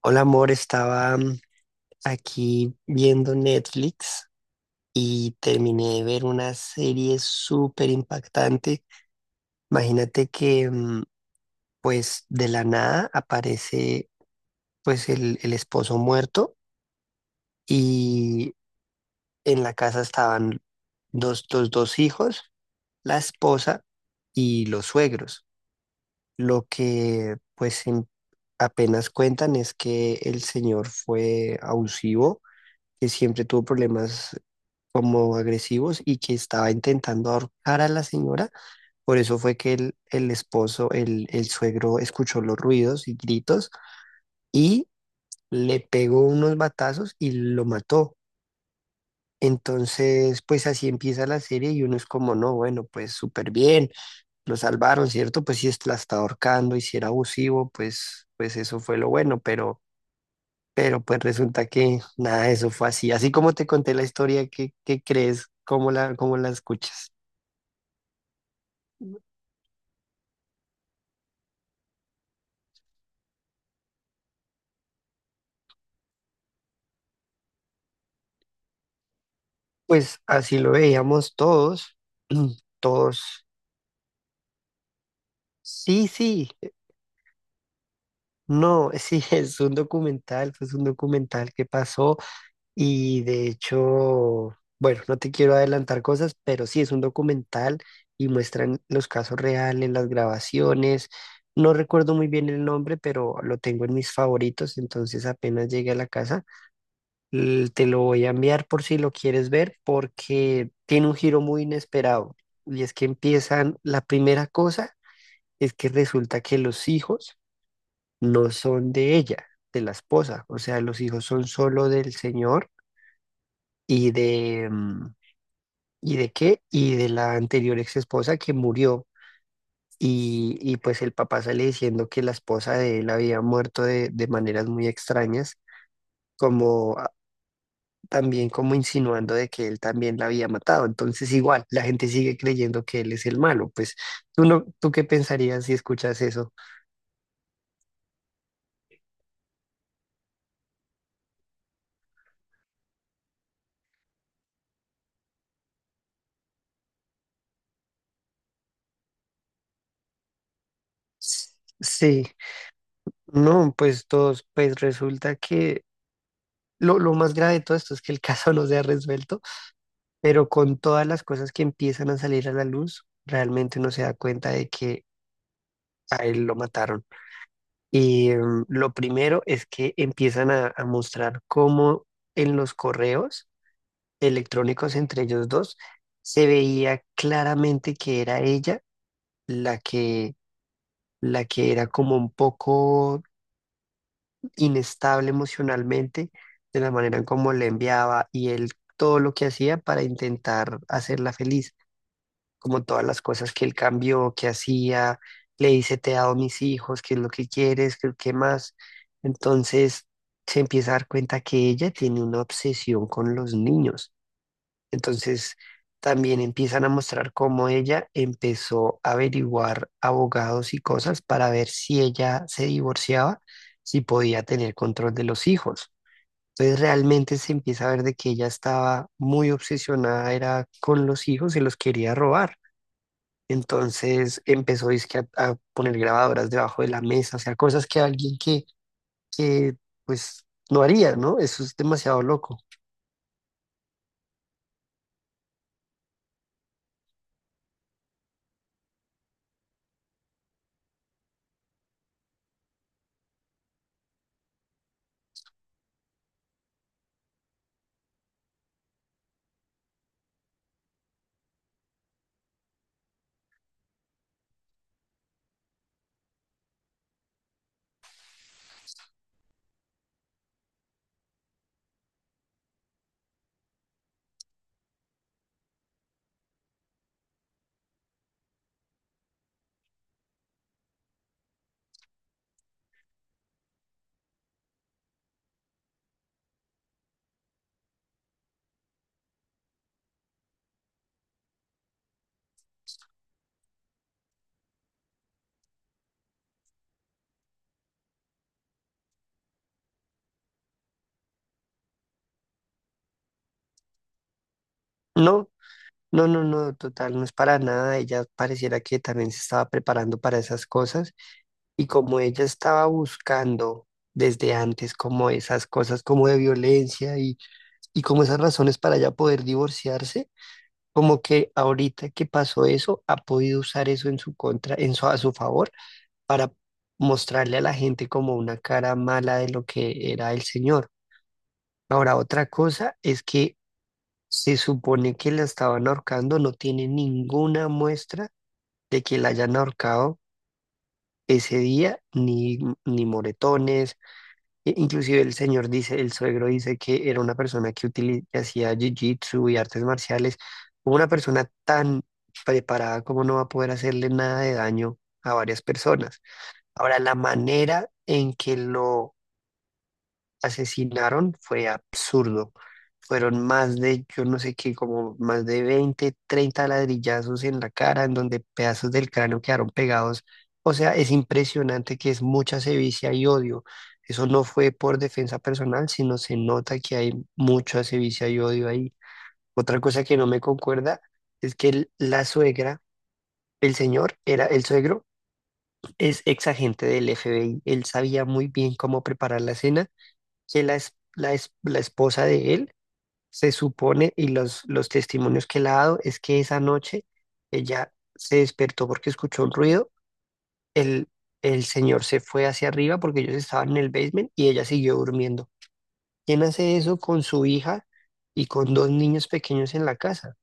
Hola amor, estaba aquí viendo Netflix y terminé de ver una serie súper impactante. Imagínate que pues de la nada aparece pues el esposo muerto y en la casa estaban los dos hijos, la esposa y los suegros. Lo que pues apenas cuentan es que el señor fue abusivo, que siempre tuvo problemas como agresivos y que estaba intentando ahorcar a la señora. Por eso fue que el esposo, el suegro, escuchó los ruidos y gritos y le pegó unos batazos y lo mató. Entonces, pues así empieza la serie y uno es como, no, bueno, pues súper bien, lo salvaron, ¿cierto? Pues si la está ahorcando y si era abusivo, pues eso fue lo bueno. Pero pues resulta que nada de eso fue así. Así como te conté la historia, ¿qué crees? ¿Cómo la escuchas? Pues así lo veíamos todos, todos. Sí, sí, no, sí, es un documental, pues un documental que pasó y de hecho, bueno, no te quiero adelantar cosas, pero sí es un documental y muestran los casos reales, las grabaciones. No recuerdo muy bien el nombre, pero lo tengo en mis favoritos, entonces apenas llegué a la casa. Te lo voy a enviar por si lo quieres ver porque tiene un giro muy inesperado. Y es que empiezan, la primera cosa es que resulta que los hijos no son de ella, de la esposa. O sea, los hijos son solo del señor y de, ¿y de qué? Y de la anterior ex esposa que murió. Y pues el papá sale diciendo que la esposa de él había muerto de maneras muy extrañas, como también como insinuando de que él también la había matado. Entonces, igual, la gente sigue creyendo que él es el malo. Pues, ¿tú no, tú qué pensarías si escuchas eso? S- Sí, no, pues todos, pues resulta que lo más grave de todo esto es que el caso no se ha resuelto, pero con todas las cosas que empiezan a salir a la luz, realmente uno se da cuenta de que a él lo mataron. Y lo primero es que empiezan a mostrar cómo en los correos electrónicos entre ellos dos, se veía claramente que era ella la que, la que era como un poco inestable emocionalmente de la manera en cómo le enviaba y él todo lo que hacía para intentar hacerla feliz, como todas las cosas que él cambió, que hacía, le dice te he dado mis hijos, qué es lo que quieres, qué más. Entonces se empieza a dar cuenta que ella tiene una obsesión con los niños. Entonces, también empiezan a mostrar cómo ella empezó a averiguar abogados y cosas para ver si ella se divorciaba, si podía tener control de los hijos. Entonces realmente se empieza a ver de que ella estaba muy obsesionada, era con los hijos, se los quería robar. Entonces empezó dizque, a poner grabadoras debajo de la mesa, o sea, cosas que alguien que pues no haría, ¿no? Eso es demasiado loco. No, no, no, no, total, no es para nada. Ella pareciera que también se estaba preparando para esas cosas y como ella estaba buscando desde antes como esas cosas como de violencia y como esas razones para ya poder divorciarse, como que ahorita que pasó eso, ha podido usar eso en su contra, en su, a su favor, para mostrarle a la gente como una cara mala de lo que era el señor. Ahora, otra cosa es que se supone que la estaban ahorcando, no tiene ninguna muestra de que la hayan ahorcado ese día, ni moretones. Inclusive el señor dice, el suegro dice que era una persona que hacía jiu-jitsu y artes marciales. Una persona tan preparada como no va a poder hacerle nada de daño a varias personas. Ahora, la manera en que lo asesinaron fue absurdo. Fueron más de, yo no sé qué, como más de 20 30 ladrillazos en la cara, en donde pedazos del cráneo quedaron pegados. O sea, es impresionante que es mucha sevicia y odio. Eso no fue por defensa personal, sino se nota que hay mucha sevicia y odio ahí. Otra cosa que no me concuerda es que la suegra, el señor, era el suegro, es ex agente del FBI. Él sabía muy bien cómo preparar la cena que la esposa de él se supone, y los testimonios que le ha dado, es que esa noche ella se despertó porque escuchó un ruido, el, el señor se fue hacia arriba porque ellos estaban en el basement y ella siguió durmiendo. ¿Quién hace eso con su hija y con dos niños pequeños en la casa?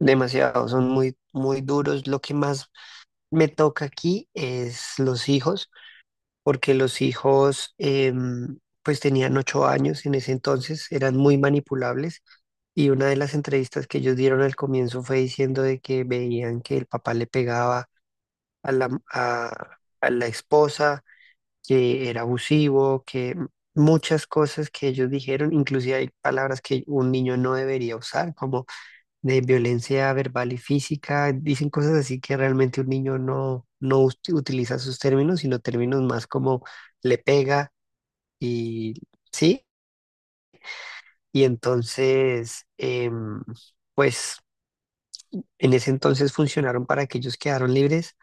Demasiado, son muy, muy duros. Lo que más me toca aquí es los hijos porque los hijos pues tenían 8 años en ese entonces, eran muy manipulables y una de las entrevistas que ellos dieron al comienzo fue diciendo de que veían que el papá le pegaba a la esposa, que era abusivo, que muchas cosas que ellos dijeron, inclusive hay palabras que un niño no debería usar, como de violencia verbal y física, dicen cosas así que realmente un niño no, no utiliza sus términos, sino términos más como le pega y sí, y entonces, pues en ese entonces funcionaron para que ellos quedaron libres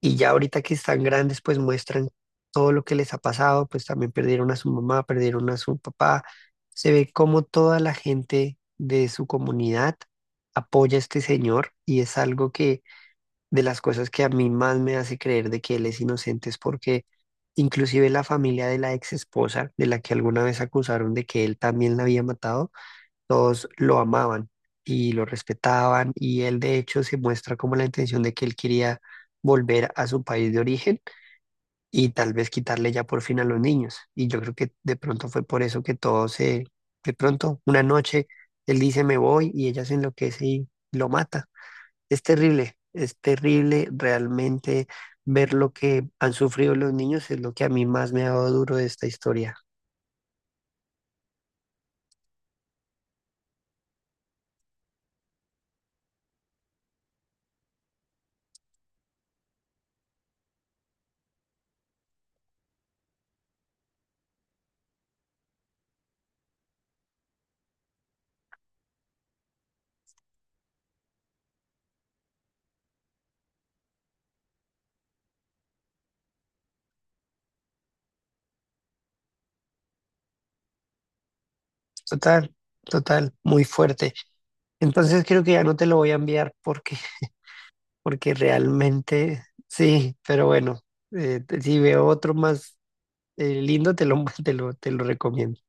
y ya ahorita que están grandes, pues muestran todo lo que les ha pasado, pues también perdieron a su mamá, perdieron a su papá, se ve como toda la gente de su comunidad apoya a este señor y es algo que de las cosas que a mí más me hace creer de que él es inocente es porque inclusive la familia de la ex esposa, de la que alguna vez acusaron de que él también la había matado, todos lo amaban y lo respetaban y él de hecho se muestra como la intención de que él quería volver a su país de origen y tal vez quitarle ya por fin a los niños. Y yo creo que de pronto fue por eso que todo se, de pronto, una noche, él dice me voy y ella se enloquece y lo mata. Es terrible realmente ver lo que han sufrido los niños, es lo que a mí más me ha dado duro de esta historia. Total, total, muy fuerte. Entonces creo que ya no te lo voy a enviar porque realmente sí, pero bueno, si veo otro más lindo, te lo, te lo recomiendo.